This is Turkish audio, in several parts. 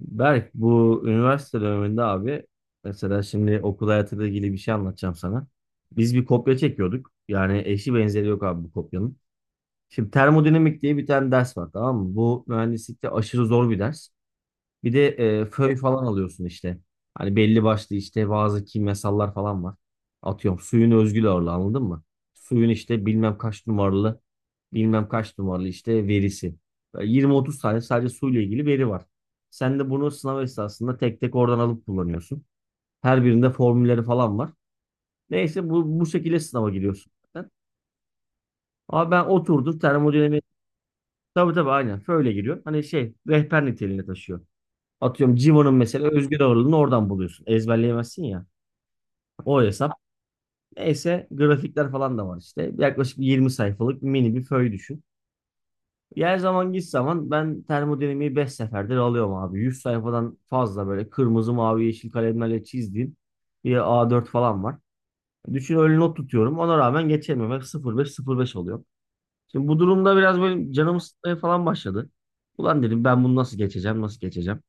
Berk bu üniversite döneminde abi mesela şimdi okul hayatıyla ilgili bir şey anlatacağım sana. Biz bir kopya çekiyorduk. Yani eşi benzeri yok abi bu kopyanın. Şimdi termodinamik diye bir tane ders var, tamam mı? Bu mühendislikte aşırı zor bir ders. Bir de föy falan alıyorsun işte. Hani belli başlı işte bazı kimyasallar falan var. Atıyorum suyun özgül ağırlığı, anladın mı? Suyun işte bilmem kaç numaralı bilmem kaç numaralı işte verisi. Böyle 20-30 tane sadece suyla ilgili veri var. Sen de bunu sınav esnasında tek tek oradan alıp kullanıyorsun. Her birinde formülleri falan var. Neyse bu şekilde sınava giriyorsun zaten. Ama ben oturdum termodinamik. Tabii tabii aynen. Föyle giriyor. Hani şey, rehber niteliğinde taşıyor. Atıyorum Civo'nun mesela özgür ağırlığını oradan buluyorsun. Ezberleyemezsin ya. O hesap. Neyse grafikler falan da var işte. Yaklaşık 20 sayfalık mini bir föy düşün. Her zaman git zaman ben termodinamiği 5 seferdir alıyorum abi. 100 sayfadan fazla böyle kırmızı, mavi, yeşil kalemlerle çizdiğim bir A4 falan var. Düşün, öyle not tutuyorum. Ona rağmen geçemiyorum. Hep sıfır beş sıfır beş oluyor. Şimdi bu durumda biraz böyle canımı sıkmaya falan başladı. Ulan dedim ben bunu nasıl geçeceğim, nasıl geçeceğim?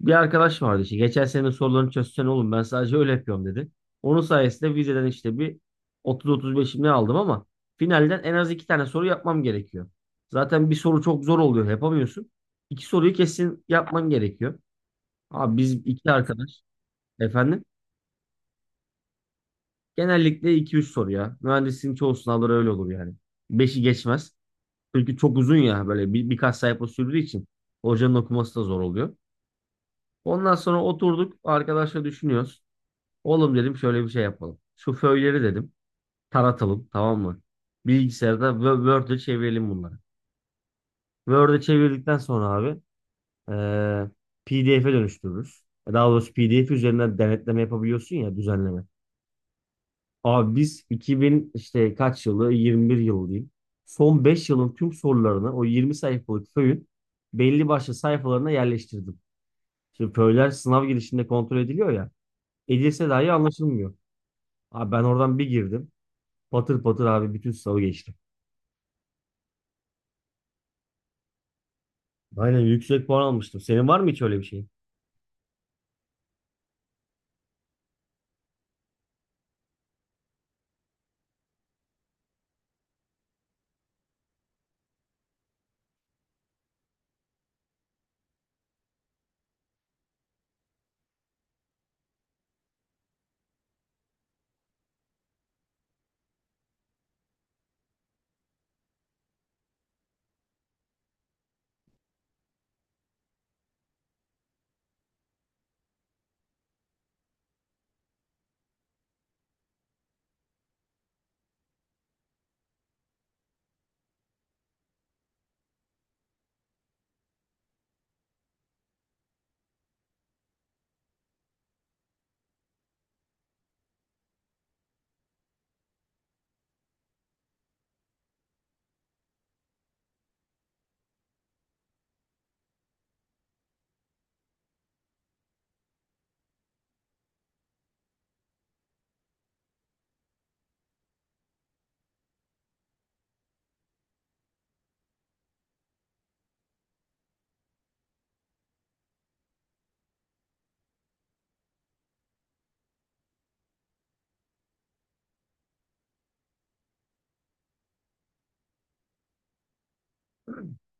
Bir arkadaş vardı işte. Geçen sene sorularını çözsen oğlum, ben sadece öyle yapıyorum dedi. Onun sayesinde vizeden işte bir 30-35'im ne aldım ama finalden en az iki tane soru yapmam gerekiyor. Zaten bir soru çok zor oluyor, yapamıyorsun. İki soruyu kesin yapman gerekiyor. Abi biz iki arkadaş efendim genellikle iki üç soru ya. Mühendisliğin çoğu sınavları öyle olur yani. Beşi geçmez. Çünkü çok uzun ya, böyle birkaç sayfa sürdüğü için hocanın okuması da zor oluyor. Ondan sonra oturduk arkadaşla düşünüyoruz. Oğlum dedim şöyle bir şey yapalım. Şu föyleri dedim taratalım, tamam mı? Bilgisayarda Word'e çevirelim bunları. Word'e çevirdikten sonra abi PDF'e dönüştürürüz. Daha doğrusu PDF üzerinden denetleme yapabiliyorsun ya, düzenleme. Abi biz 2000 işte kaç yılı, 21 yılı diyeyim. Son 5 yılın tüm sorularını o 20 sayfalık föyün belli başlı sayfalarına yerleştirdim. Şimdi föyler sınav girişinde kontrol ediliyor ya. Edilse dahi anlaşılmıyor. Abi ben oradan bir girdim. Patır patır abi bütün sınavı geçtim. Aynen, yüksek puan almıştım. Senin var mı hiç öyle bir şeyin?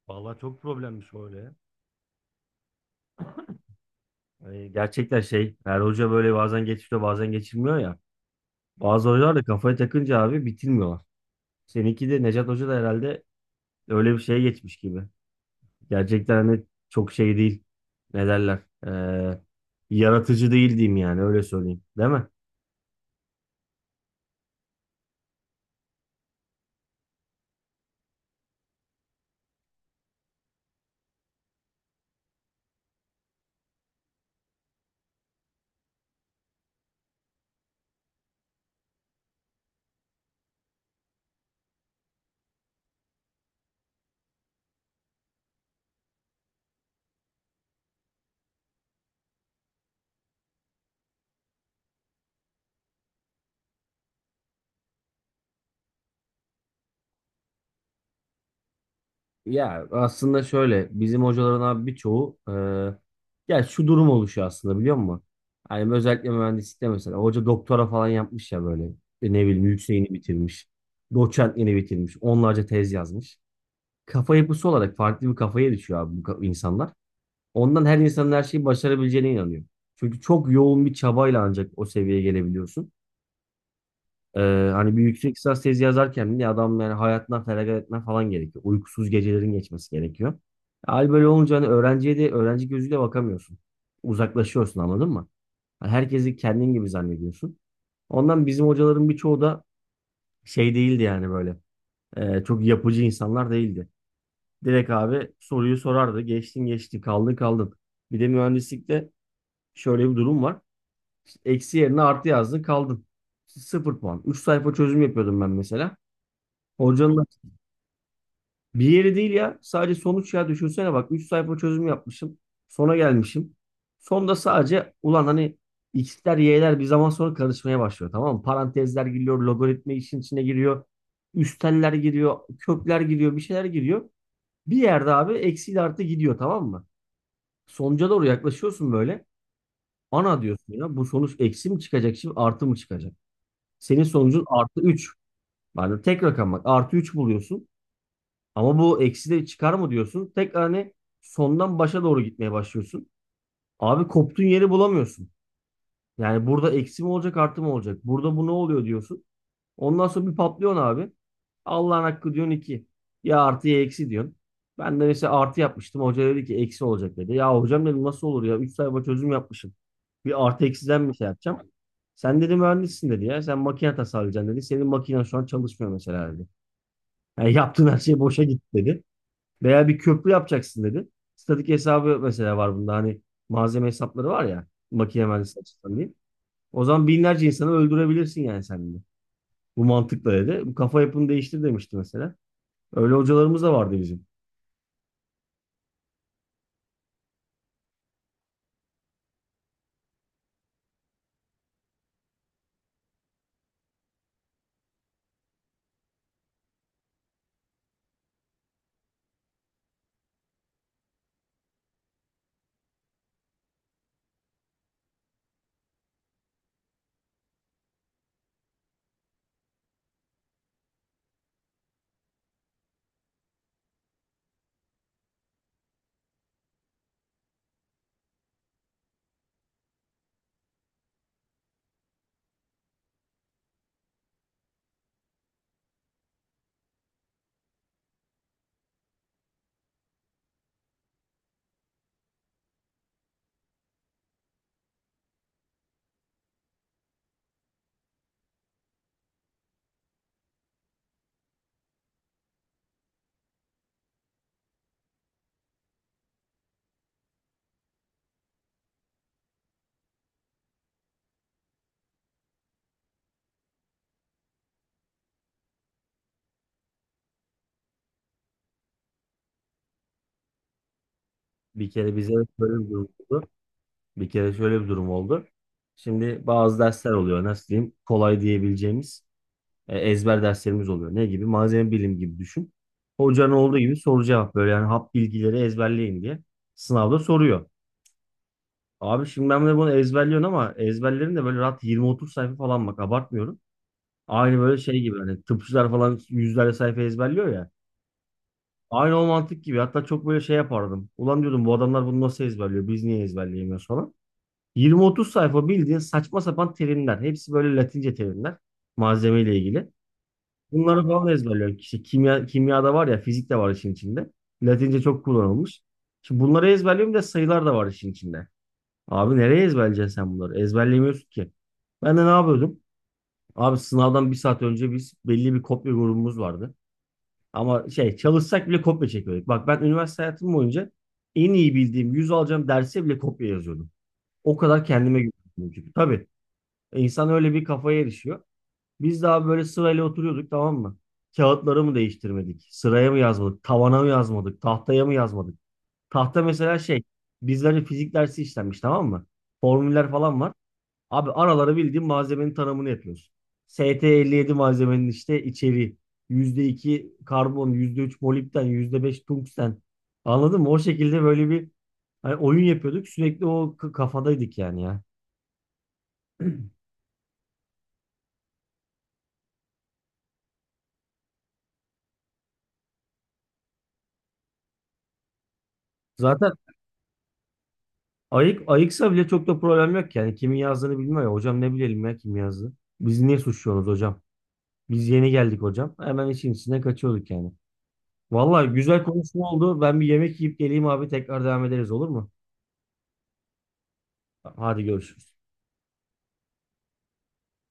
Vallahi çok problemmiş o öyle ya. Hani gerçekten şey, her hoca böyle bazen geçiriyor bazen geçirmiyor ya. Bazı hocalar da kafaya takınca abi bitirmiyorlar. Seninki de Necat Hoca da herhalde öyle bir şeye geçmiş gibi. Gerçekten hani çok şey değil. Ne derler? Ee, Yaratıcı değil diyeyim yani, öyle söyleyeyim. Değil mi? Ya aslında şöyle, bizim hocaların abi birçoğu ya şu durum oluşuyor aslında, biliyor musun? Hani özellikle mühendislikte mesela hoca doktora falan yapmış ya böyle. Ne bileyim, yükseğini bitirmiş. Doçentliğini bitirmiş. Onlarca tez yazmış. Kafa yapısı olarak farklı bir kafaya düşüyor abi bu insanlar. Ondan her insanın her şeyi başarabileceğine inanıyor. Çünkü çok yoğun bir çabayla ancak o seviyeye gelebiliyorsun. Ee, Hani bir yüksek lisans tezi yazarken bile adam yani hayatından feragat etmen falan gerekiyor. Uykusuz gecelerin geçmesi gerekiyor. Hal böyle olunca hani öğrenciye de öğrenci gözüyle bakamıyorsun. Uzaklaşıyorsun, anladın mı? Hani herkesi kendin gibi zannediyorsun. Ondan bizim hocaların birçoğu da şey değildi yani böyle. Çok yapıcı insanlar değildi. Direkt abi soruyu sorardı. Geçtin geçtin, kaldın kaldın. Bir de mühendislikte şöyle bir durum var. Eksi yerine artı yazdın, kaldın. Sıfır puan. Üç sayfa çözüm yapıyordum ben mesela. Hocanın bir yeri değil ya. Sadece sonuç ya, düşünsene bak, 3 sayfa çözüm yapmışım. Sona gelmişim. Sonda sadece ulan hani x'ler y'ler bir zaman sonra karışmaya başlıyor, tamam mı? Parantezler giriyor, logaritma işin içine giriyor. Üsteller giriyor, kökler giriyor, bir şeyler giriyor. Bir yerde abi eksiyle artı gidiyor, tamam mı? Sonuca doğru yaklaşıyorsun böyle. Ana diyorsun ya, bu sonuç eksi mi çıkacak şimdi artı mı çıkacak? Senin sonucun artı üç. Yani tek rakam bak, artı 3 buluyorsun. Ama bu eksi de çıkar mı diyorsun. Tekrar hani sondan başa doğru gitmeye başlıyorsun. Abi koptuğun yeri bulamıyorsun. Yani burada eksi mi olacak artı mı olacak? Burada bu ne oluyor diyorsun. Ondan sonra bir patlıyorsun abi. Allah'ın hakkı diyorsun 2. Ya artı ya eksi diyorsun. Ben de mesela artı yapmıştım. Hoca dedi ki eksi olacak dedi. Ya hocam dedim, nasıl olur ya? Üç sayfa çözüm yapmışım. Bir artı eksiden bir şey yapacağım. Sen dedi mühendissin dedi ya. Sen makine tasarlayacaksın dedi. Senin makinen şu an çalışmıyor mesela dedi. Yani yaptığın her şey boşa gitti dedi. Veya bir köprü yapacaksın dedi. Statik hesabı mesela var bunda. Hani malzeme hesapları var ya. Makine mühendisliği açısından diyeyim. O zaman binlerce insanı öldürebilirsin yani sen de. Bu mantıkla dedi. Bu kafa yapını değiştir demişti mesela. Öyle hocalarımız da vardı bizim. Bir kere bize böyle bir durum oldu. Bir kere şöyle bir durum oldu. Şimdi bazı dersler oluyor. Nasıl diyeyim? Kolay diyebileceğimiz ezber derslerimiz oluyor. Ne gibi? Malzeme bilim gibi düşün. Hocanın olduğu gibi soru cevap böyle yani hap bilgileri ezberleyin diye sınavda soruyor. Abi şimdi ben de bunu ezberliyorum ama ezberlerim de böyle rahat 20-30 sayfa falan, bak abartmıyorum. Aynı böyle şey gibi, hani tıpçılar falan yüzlerce sayfa ezberliyor ya. Aynı o mantık gibi, hatta çok böyle şey yapardım. Ulan diyordum bu adamlar bunu nasıl ezberliyor, biz niye ezberleyemiyoruz falan. 20-30 sayfa bildiğin saçma sapan terimler. Hepsi böyle Latince terimler, malzemeyle ilgili. Bunları falan ezberliyorum. İşte kimya, kimyada var ya, fizik de var işin içinde. Latince çok kullanılmış. Şimdi bunları ezberliyorum, bir de sayılar da var işin içinde. Abi nereye ezberleyeceksin sen bunları? Ezberleyemiyorsun ki. Ben de ne yapıyordum? Abi sınavdan bir saat önce biz, belli bir kopya grubumuz vardı. Ama şey, çalışsak bile kopya çekiyorduk. Bak ben üniversite hayatım boyunca en iyi bildiğim, 100 alacağım derse bile kopya yazıyordum. O kadar kendime güveniyordum çünkü. Tabii insan öyle bir kafaya erişiyor. Biz daha böyle sırayla oturuyorduk, tamam mı? Kağıtları mı değiştirmedik? Sıraya mı yazmadık? Tavana mı yazmadık? Tahtaya mı yazmadık? Tahta mesela şey, bizlere fizik dersi işlenmiş, tamam mı? Formüller falan var. Abi aralara bildiğin malzemenin tanımını yapıyorsun. ST57 malzemenin işte içeriği: %2 karbon, %3 molibden, %5 tungsten. Anladın mı? O şekilde böyle bir hani oyun yapıyorduk. Sürekli o kafadaydık yani ya. Zaten ayık ayıksa bile çok da problem yok yani. Kimin yazdığını bilmiyor ya. Hocam ne bilelim ya kim yazdı. Biz niye suçluyoruz hocam? Biz yeni geldik hocam. Hemen işin içine kaçıyorduk yani. Vallahi güzel konuşma oldu. Ben bir yemek yiyip geleyim abi. Tekrar devam ederiz, olur mu? Hadi görüşürüz.